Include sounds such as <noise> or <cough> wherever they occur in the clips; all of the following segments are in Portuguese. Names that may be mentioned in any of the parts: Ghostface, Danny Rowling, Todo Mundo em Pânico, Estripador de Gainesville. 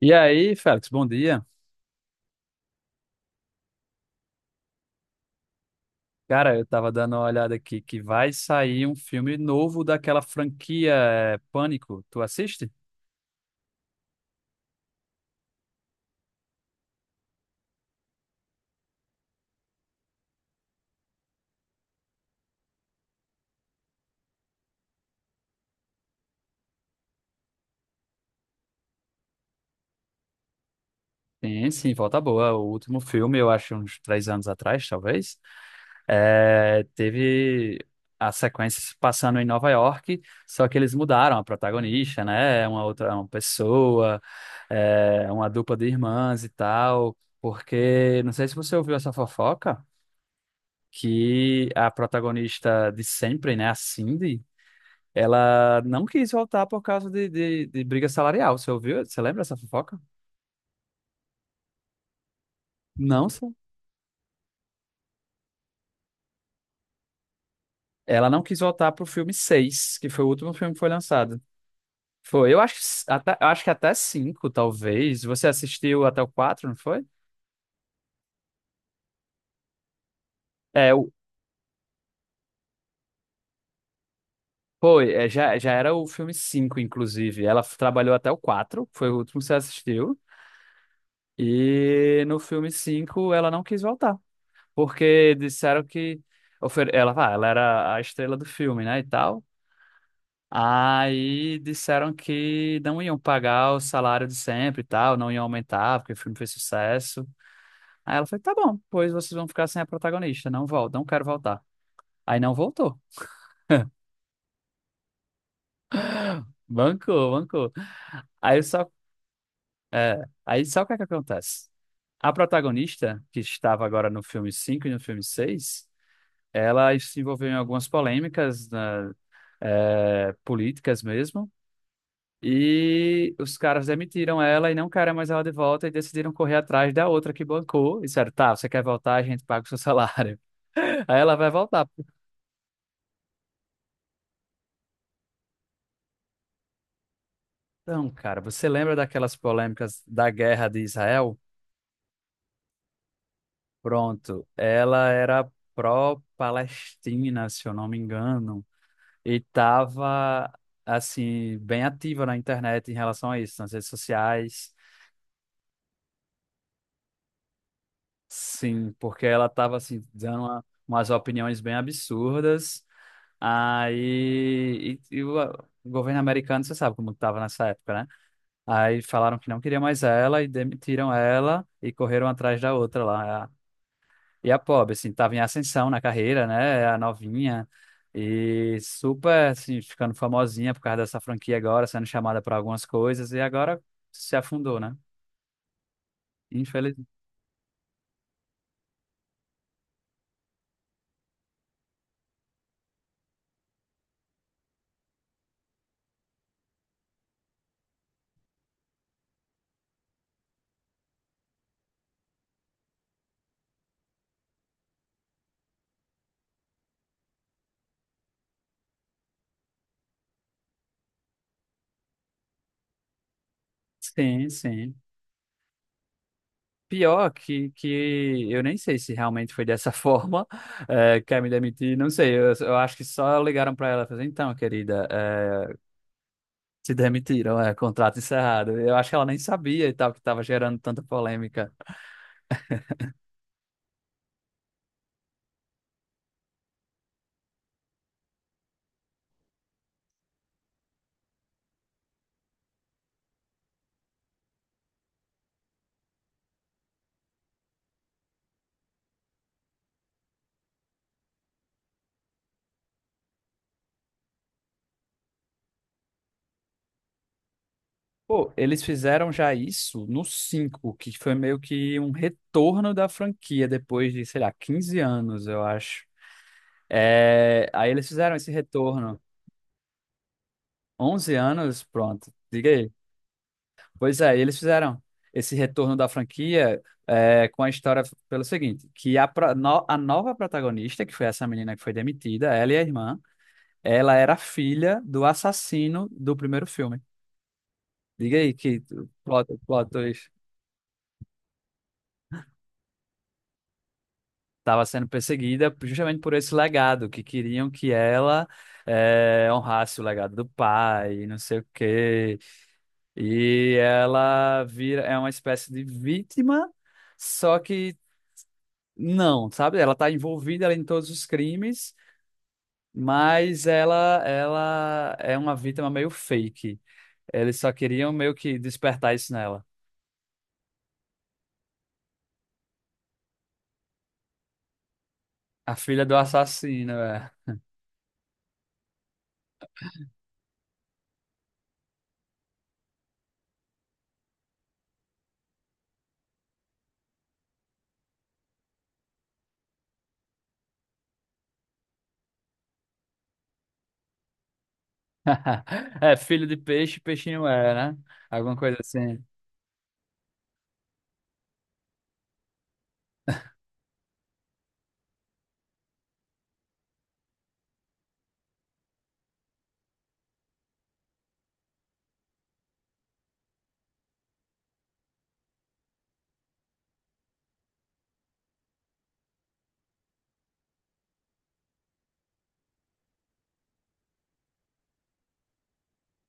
E aí, Félix, bom dia. Cara, eu tava dando uma olhada aqui que vai sair um filme novo daquela franquia Pânico. Tu assiste? Sim, sim, volta boa. O último filme, eu acho uns 3 anos atrás, talvez, teve a sequência se passando em Nova York, só que eles mudaram a protagonista, né? Uma outra, uma pessoa, uma dupla de irmãs e tal. Porque não sei se você ouviu essa fofoca, que a protagonista de sempre, né, a Cindy, ela não quis voltar por causa de briga salarial. Você ouviu? Você lembra essa fofoca? Não, só. Ela não quis voltar pro filme 6, que foi o último filme que foi lançado. Foi, eu acho, que até, eu acho que até 5, talvez. Você assistiu até o 4, não foi? É, o- Foi, já era o filme 5, inclusive. Ela trabalhou até o 4, foi o último que você assistiu. E no filme 5, ela não quis voltar. Porque disseram que ela era a estrela do filme, né, e tal. Aí disseram que não iam pagar o salário de sempre e tal, não iam aumentar, porque o filme fez sucesso. Aí ela falou, tá bom, pois vocês vão ficar sem a protagonista, não volto, não quero voltar. Aí não voltou. Bancou, bancou. Aí só, aí só o que é que acontece? A protagonista, que estava agora no filme 5 e no filme 6, ela se envolveu em algumas polêmicas, né, políticas mesmo. E os caras demitiram ela e não querem mais ela de volta e decidiram correr atrás da outra que bancou. E disseram, tá, você quer voltar, a gente paga o seu salário. <laughs> Aí ela vai voltar. Então, cara, você lembra daquelas polêmicas da guerra de Israel? Pronto, ela era pró-Palestina, se eu não me engano, e tava, assim, bem ativa na internet em relação a isso, nas redes sociais. Sim, porque ela tava, assim, dando umas opiniões bem absurdas. Aí, e o governo americano, você sabe como que estava nessa época, né? Aí falaram que não queria mais ela e demitiram ela e correram atrás da outra lá. E a pobre, assim, estava em ascensão na carreira, né? A novinha e super, assim, ficando famosinha por causa dessa franquia agora, sendo chamada para algumas coisas e agora se afundou, né? Infelizmente. Sim, sim. Pior que eu nem sei se realmente foi dessa <laughs> forma. Quer me demitir, não sei, eu acho que só ligaram para ela e falaram, então, querida, se demitiram, é contrato encerrado. Eu acho que ela nem sabia e tal, que estava gerando tanta polêmica. Pô, eles fizeram já isso no cinco, que foi meio que um retorno da franquia depois de, sei lá, 15 anos, eu acho. Aí eles fizeram esse retorno, 11 anos, pronto, diga aí. Pois é, e eles fizeram esse retorno da franquia com a história, pelo seguinte, que a, pro- no- a nova protagonista, que foi essa menina que foi demitida, ela e a irmã, ela era filha do assassino do primeiro filme. Diga aí que o plot twist estava sendo perseguida justamente por esse legado, que queriam que ela honrasse o legado do pai, não sei o quê. E ela vira, é uma espécie de vítima, só que não, sabe? Ela está envolvida ali em todos os crimes, mas ela é uma vítima meio fake. Eles só queriam meio que despertar isso nela. A filha do assassino, é. <laughs> É, filho de peixe, peixinho é, né? Alguma coisa assim.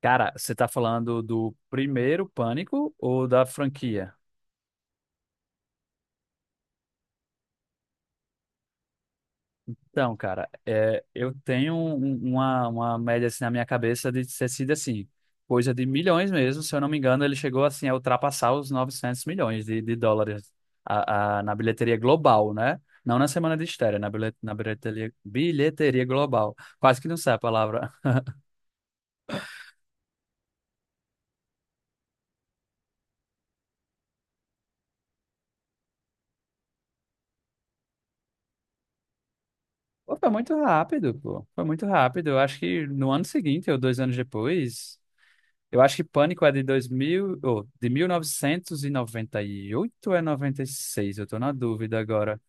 Cara, você tá falando do primeiro Pânico ou da franquia? Então, cara, eu tenho uma média assim na minha cabeça de ter sido assim, coisa de milhões mesmo. Se eu não me engano, ele chegou assim a ultrapassar os 900 milhões de dólares na bilheteria global, né? Não na semana de estreia, na bilheteria, bilheteria global. Quase que não sai a palavra. <laughs> Pô, foi muito rápido, pô. Foi muito rápido. Eu acho que no ano seguinte, ou 2 anos depois. Eu acho que Pânico é de 2000 ou de 1998, ou é 96. Eu tô na dúvida agora.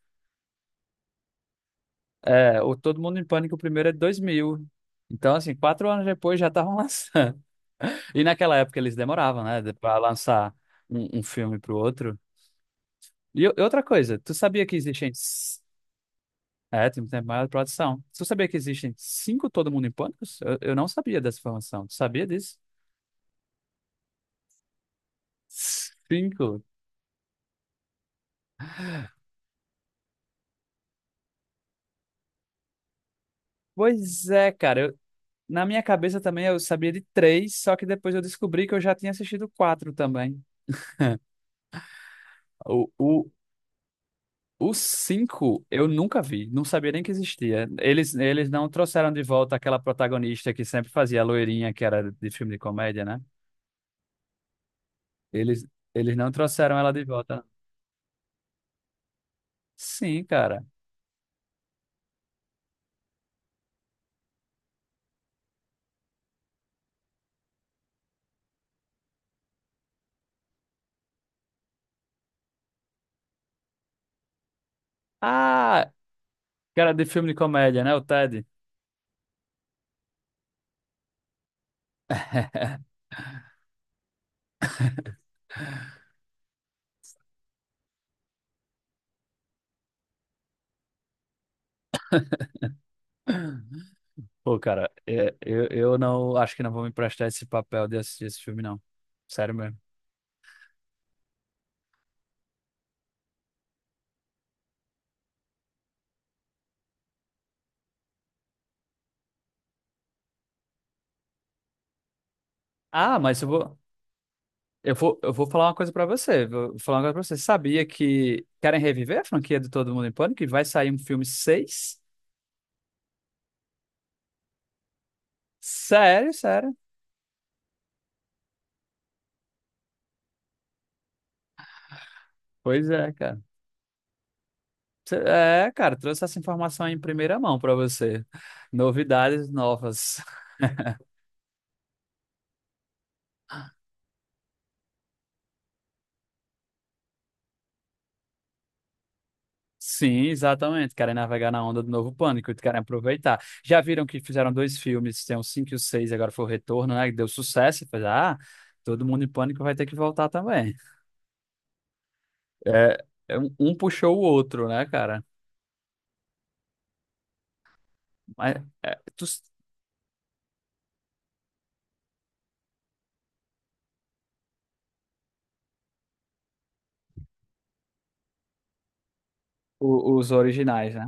É, o Todo Mundo em Pânico, o primeiro é de 2000. Então, assim, 4 anos depois já estavam <laughs> lançando. E naquela época eles demoravam, né, pra lançar um filme pro outro. E, e outra coisa, tu sabia que existem... É, tem um tempo maior de produção. Tu sabia que existem cinco Todo Mundo em Pânico? Eu não sabia dessa informação. Tu sabia disso? Cinco? Pois é, cara. Na minha cabeça também eu sabia de três, só que depois eu descobri que eu já tinha assistido quatro também. O, o, o cinco eu nunca vi, não sabia nem que existia. Eles não trouxeram de volta aquela protagonista que sempre fazia a loirinha, que era de filme de comédia, né? Eles, eles não trouxeram ela de volta. Sim, cara. Ah, que era de filme de comédia, né? O Ted. <laughs> Pô, cara, eu não acho que não vou me emprestar esse papel de assistir esse filme, não. Sério mesmo. Ah, mas eu vou. Eu vou falar uma coisa pra você. Vou falar uma coisa pra você. Você sabia que querem reviver a franquia de Todo Mundo em Pânico? E vai sair um filme seis. Sério, sério. Pois é, cara. É, cara, trouxe essa informação em primeira mão pra você. Novidades novas. <laughs> Sim, exatamente. Querem navegar na onda do novo Pânico, querem aproveitar. Já viram que fizeram dois filmes, tem o 5 e o 6. Agora foi o Retorno, né? Que deu sucesso. E fez, ah, Todo Mundo em Pânico vai ter que voltar também. É, é um puxou o outro, né, cara? Mas é, tu- os originais, né?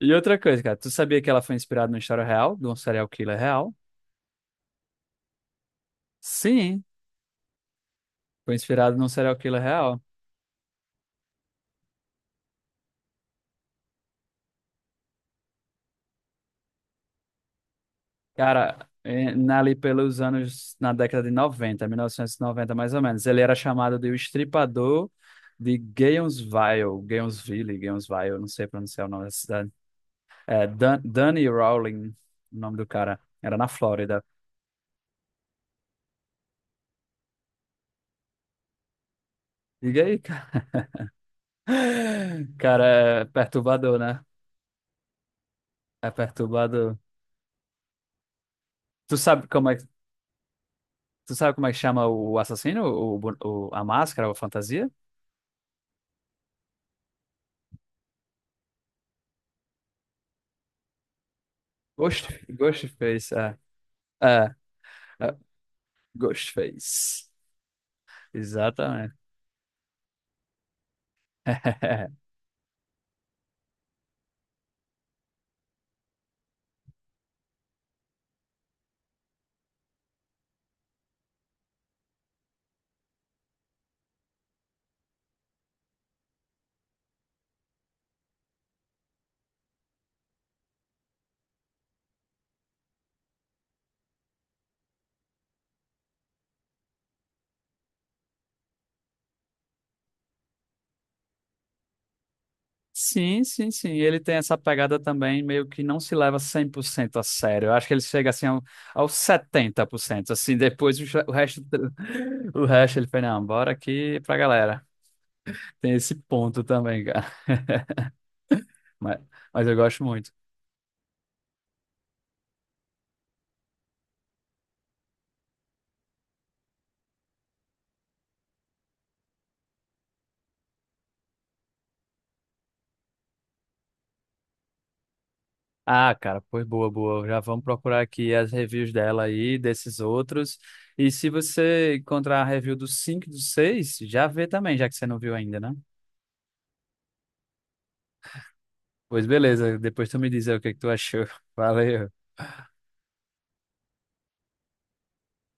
E outra coisa, cara, tu sabia que ela foi inspirada numa história real, de um serial killer real? Sim, foi inspirada num serial killer real. Cara, ali pelos anos, na década de 90, 1990 mais ou menos, ele era chamado de o Estripador de Gainesville, Gainesville, Gainesville, não sei pronunciar o nome da cidade. Danny Rowling, o nome do cara, era na Flórida. Diga aí, cara. <laughs> Cara, é perturbador, né? É perturbador. Tu sabe como é, tu sabe como é que chama o assassino? O, a máscara, a fantasia? Ghostface, é. É, é, Ghostface. Exatamente. <laughs> Sim, sim, sim. Ele tem essa pegada também, meio que não se leva 100% a sério. Eu acho que ele chega assim aos 70%. Assim, depois o resto, <laughs> o resto ele fala, não, bora aqui pra galera. Tem esse ponto também, cara. <laughs> Mas, mas eu gosto muito. Ah, cara, pois boa, boa. Já vamos procurar aqui as reviews dela aí, desses outros. E se você encontrar a review dos 5, e do 6, já vê também, já que você não viu ainda, né? Pois beleza, depois tu me diz aí o que que tu achou. <laughs> Valeu.